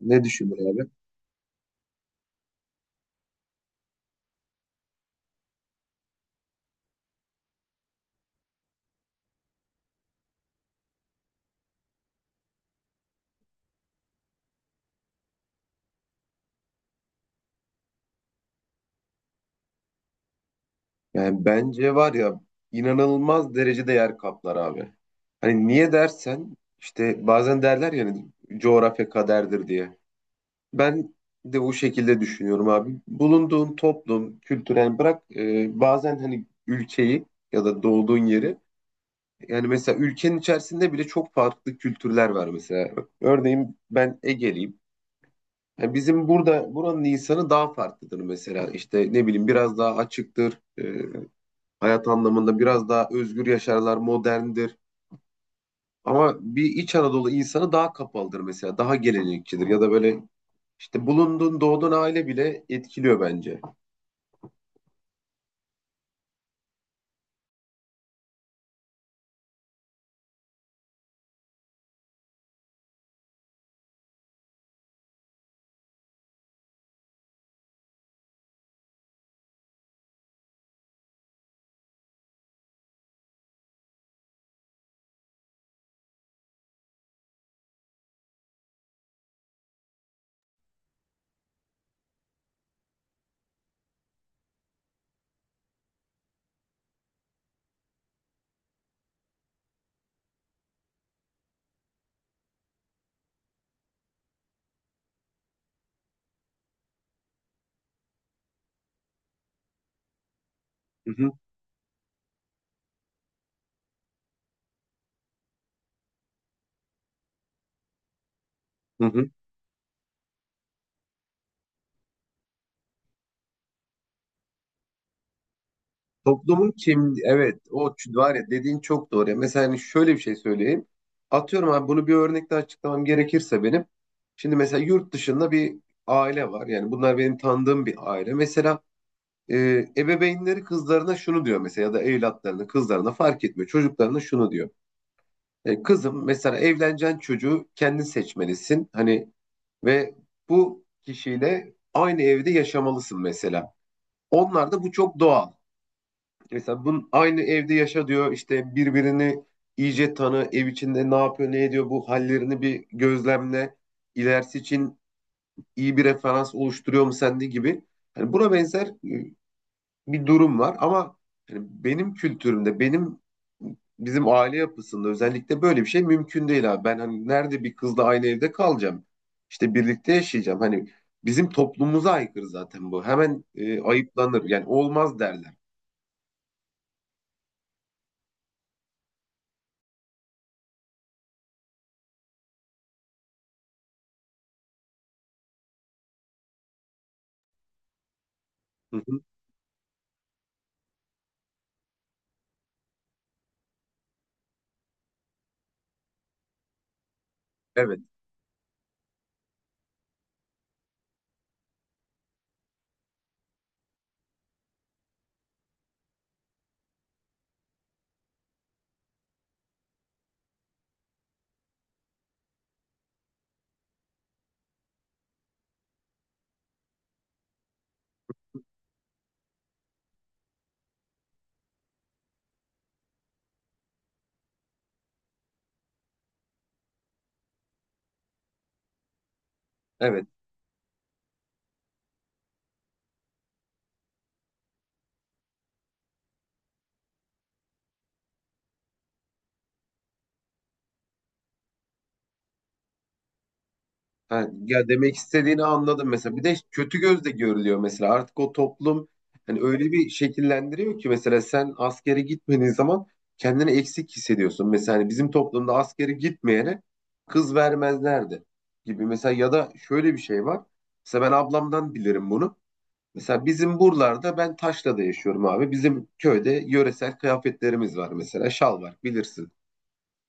Ne düşünür abi? Yani bence var ya, inanılmaz derecede yer kaplar abi. Hani niye dersen, işte bazen derler ya hani, coğrafya kaderdir diye. Ben de o şekilde düşünüyorum abi. Bulunduğun toplum, kültürel bırak bazen hani ülkeyi ya da doğduğun yeri, yani mesela ülkenin içerisinde bile çok farklı kültürler var mesela. Örneğin ben Ege'liyim. Yani bizim burada buranın insanı daha farklıdır mesela. İşte ne bileyim, biraz daha açıktır. Hayat anlamında biraz daha özgür yaşarlar, moderndir. Ama bir İç Anadolu insanı daha kapalıdır mesela, daha gelenekçidir ya da böyle işte bulunduğun, doğduğun aile bile etkiliyor bence. Hı hı, hı hı. Toplumun kim, evet, o ç- var ya, dediğin çok doğru. Ya. Mesela hani şöyle bir şey söyleyeyim. Atıyorum abi, bunu bir örnekle açıklamam gerekirse benim. Şimdi mesela yurt dışında bir aile var. Yani bunlar benim tanıdığım bir aile. Mesela ebeveynleri kızlarına şunu diyor mesela, ya da evlatlarına, kızlarına fark etmiyor. Çocuklarına şunu diyor. E, kızım, mesela evleneceğin çocuğu kendin seçmelisin. Hani ve bu kişiyle aynı evde yaşamalısın mesela. Onlar da bu çok doğal. Mesela bunun aynı evde yaşa diyor, işte birbirini iyice tanı, ev içinde ne yapıyor, ne ediyor, bu hallerini bir gözlemle. İlerisi için iyi bir referans oluşturuyor mu sende gibi. Hani buna benzer bir durum var ama hani benim kültürümde, benim bizim aile yapısında özellikle böyle bir şey mümkün değil abi. Ben hani nerede bir kızla aynı evde kalacağım? İşte birlikte yaşayacağım. Hani bizim toplumumuza aykırı zaten bu. Hemen ayıplanır. Yani olmaz derler. Hı hı. Evet, evet. Ha, ya demek istediğini anladım mesela. Bir de kötü gözle görülüyor mesela. Artık o toplum hani öyle bir şekillendiriyor ki, mesela sen askere gitmediğin zaman kendini eksik hissediyorsun. Mesela hani bizim toplumda askere gitmeyene kız vermezlerdi gibi. Mesela ya da şöyle bir şey var. Mesela ben ablamdan bilirim bunu. Mesela bizim buralarda, ben Taşla'da yaşıyorum abi. Bizim köyde yöresel kıyafetlerimiz var mesela. Şal var, bilirsin.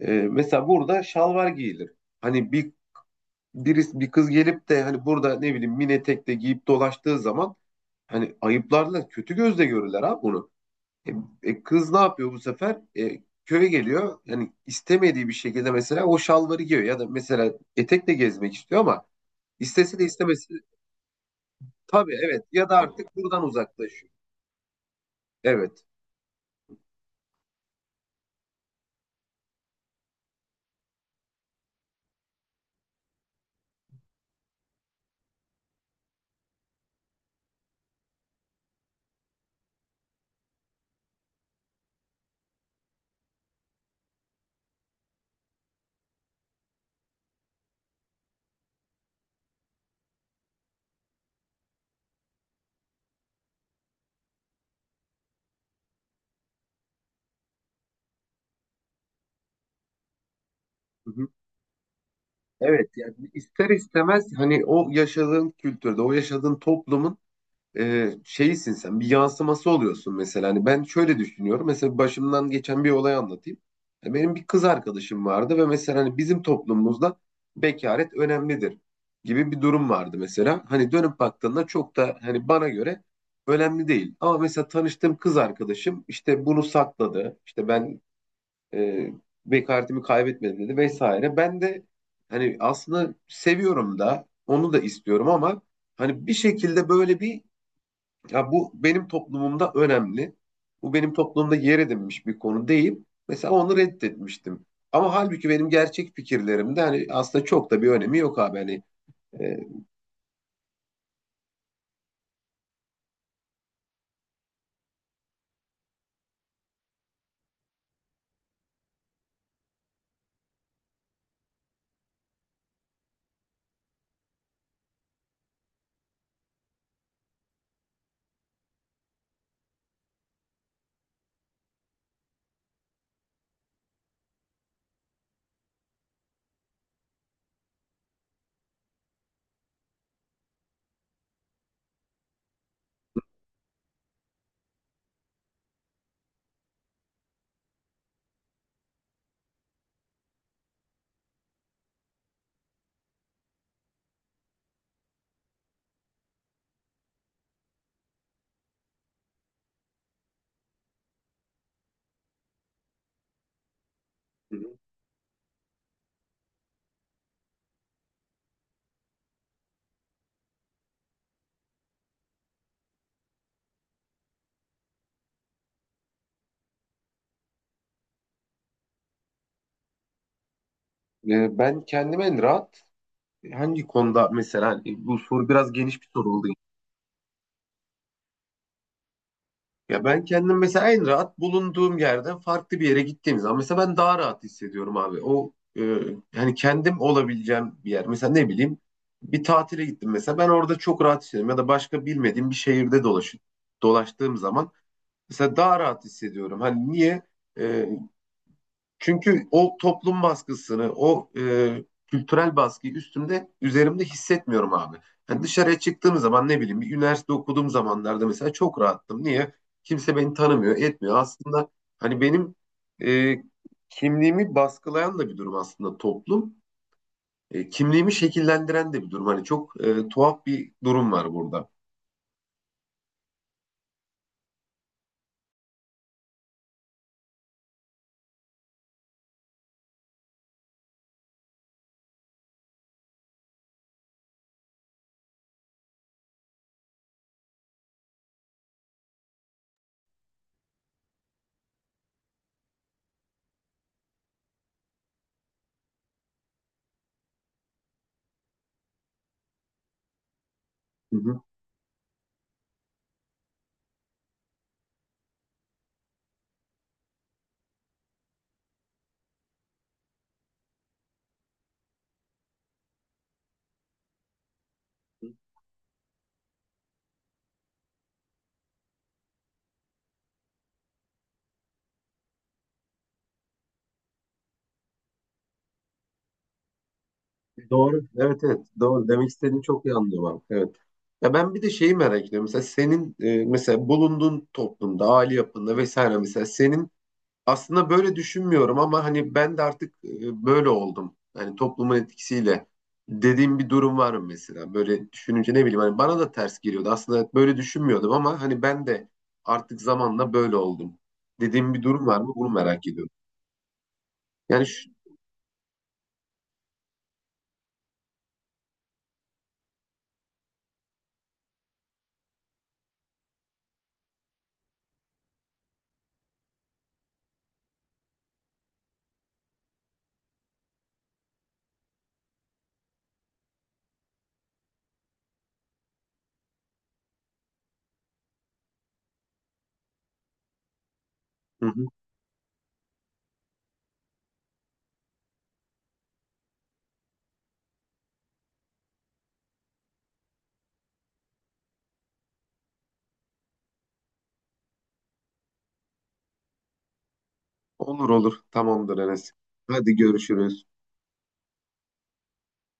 Mesela burada şalvar giyilir. Hani birisi, bir kız gelip de hani burada ne bileyim mini etek de giyip dolaştığı zaman, hani ayıplarla kötü gözle görürler abi bunu. E, Kız ne yapıyor bu sefer? E, köye geliyor. Yani istemediği bir şekilde mesela o şalvarı giyiyor ya da mesela etekle gezmek istiyor ama istese de istemesi, tabii, evet, ya da artık buradan uzaklaşıyor. Evet. Hı hı. Evet, yani ister istemez hani o yaşadığın kültürde, o yaşadığın toplumun şeysin, sen bir yansıması oluyorsun mesela. Hani ben şöyle düşünüyorum. Mesela başımdan geçen bir olay anlatayım. E, benim bir kız arkadaşım vardı ve mesela hani bizim toplumumuzda bekaret önemlidir gibi bir durum vardı mesela. Hani dönüp baktığında çok da hani bana göre önemli değil. Ama mesela tanıştığım kız arkadaşım işte bunu sakladı. İşte ben, e, bekaretimi kaybetmedim dedi vesaire. Ben de hani aslında seviyorum da, onu da istiyorum ama hani bir şekilde böyle bir ya, bu benim toplumumda önemli. Bu benim toplumda yer edinmiş bir konu deyip mesela onu reddetmiştim. Ama halbuki benim gerçek fikirlerimde hani aslında çok da bir önemi yok abi. Hani e, ben kendime en rahat hangi konuda mesela, hani bu soru biraz geniş bir soru oldu. Ya ben kendim mesela en rahat bulunduğum yerden farklı bir yere gittiğim zaman mesela ben daha rahat hissediyorum abi. O e, yani kendim olabileceğim bir yer. Mesela ne bileyim, bir tatile gittim mesela, ben orada çok rahat hissediyorum, ya da başka bilmediğim bir şehirde dolaş, dolaştığım zaman mesela daha rahat hissediyorum. Hani niye? E, Çünkü o toplum baskısını, o kültürel baskıyı üstümde, üzerimde hissetmiyorum abi. Yani dışarıya çıktığım zaman ne bileyim, bir üniversite okuduğum zamanlarda mesela çok rahattım. Niye? Kimse beni tanımıyor, etmiyor. Aslında hani benim e, kimliğimi baskılayan da bir durum aslında toplum. E, kimliğimi şekillendiren de bir durum. Hani çok tuhaf bir durum var burada. Hı hı. Doğru. Evet, evet. Doğru. Demek istediğini çok iyi anlıyorum abi. Evet. Ya ben bir de şeyi merak ediyorum. Mesela senin mesela bulunduğun toplumda, aile yapında vesaire, mesela senin aslında böyle düşünmüyorum ama hani ben de artık böyle oldum. Hani toplumun etkisiyle dediğim bir durum var mı mesela? Böyle düşününce ne bileyim, hani bana da ters geliyordu. Aslında böyle düşünmüyordum ama hani ben de artık zamanla böyle oldum. Dediğim bir durum var mı? Bunu merak ediyorum. Yani şu... Hı hı. Olur olur. Tamamdır Enes. Hadi görüşürüz.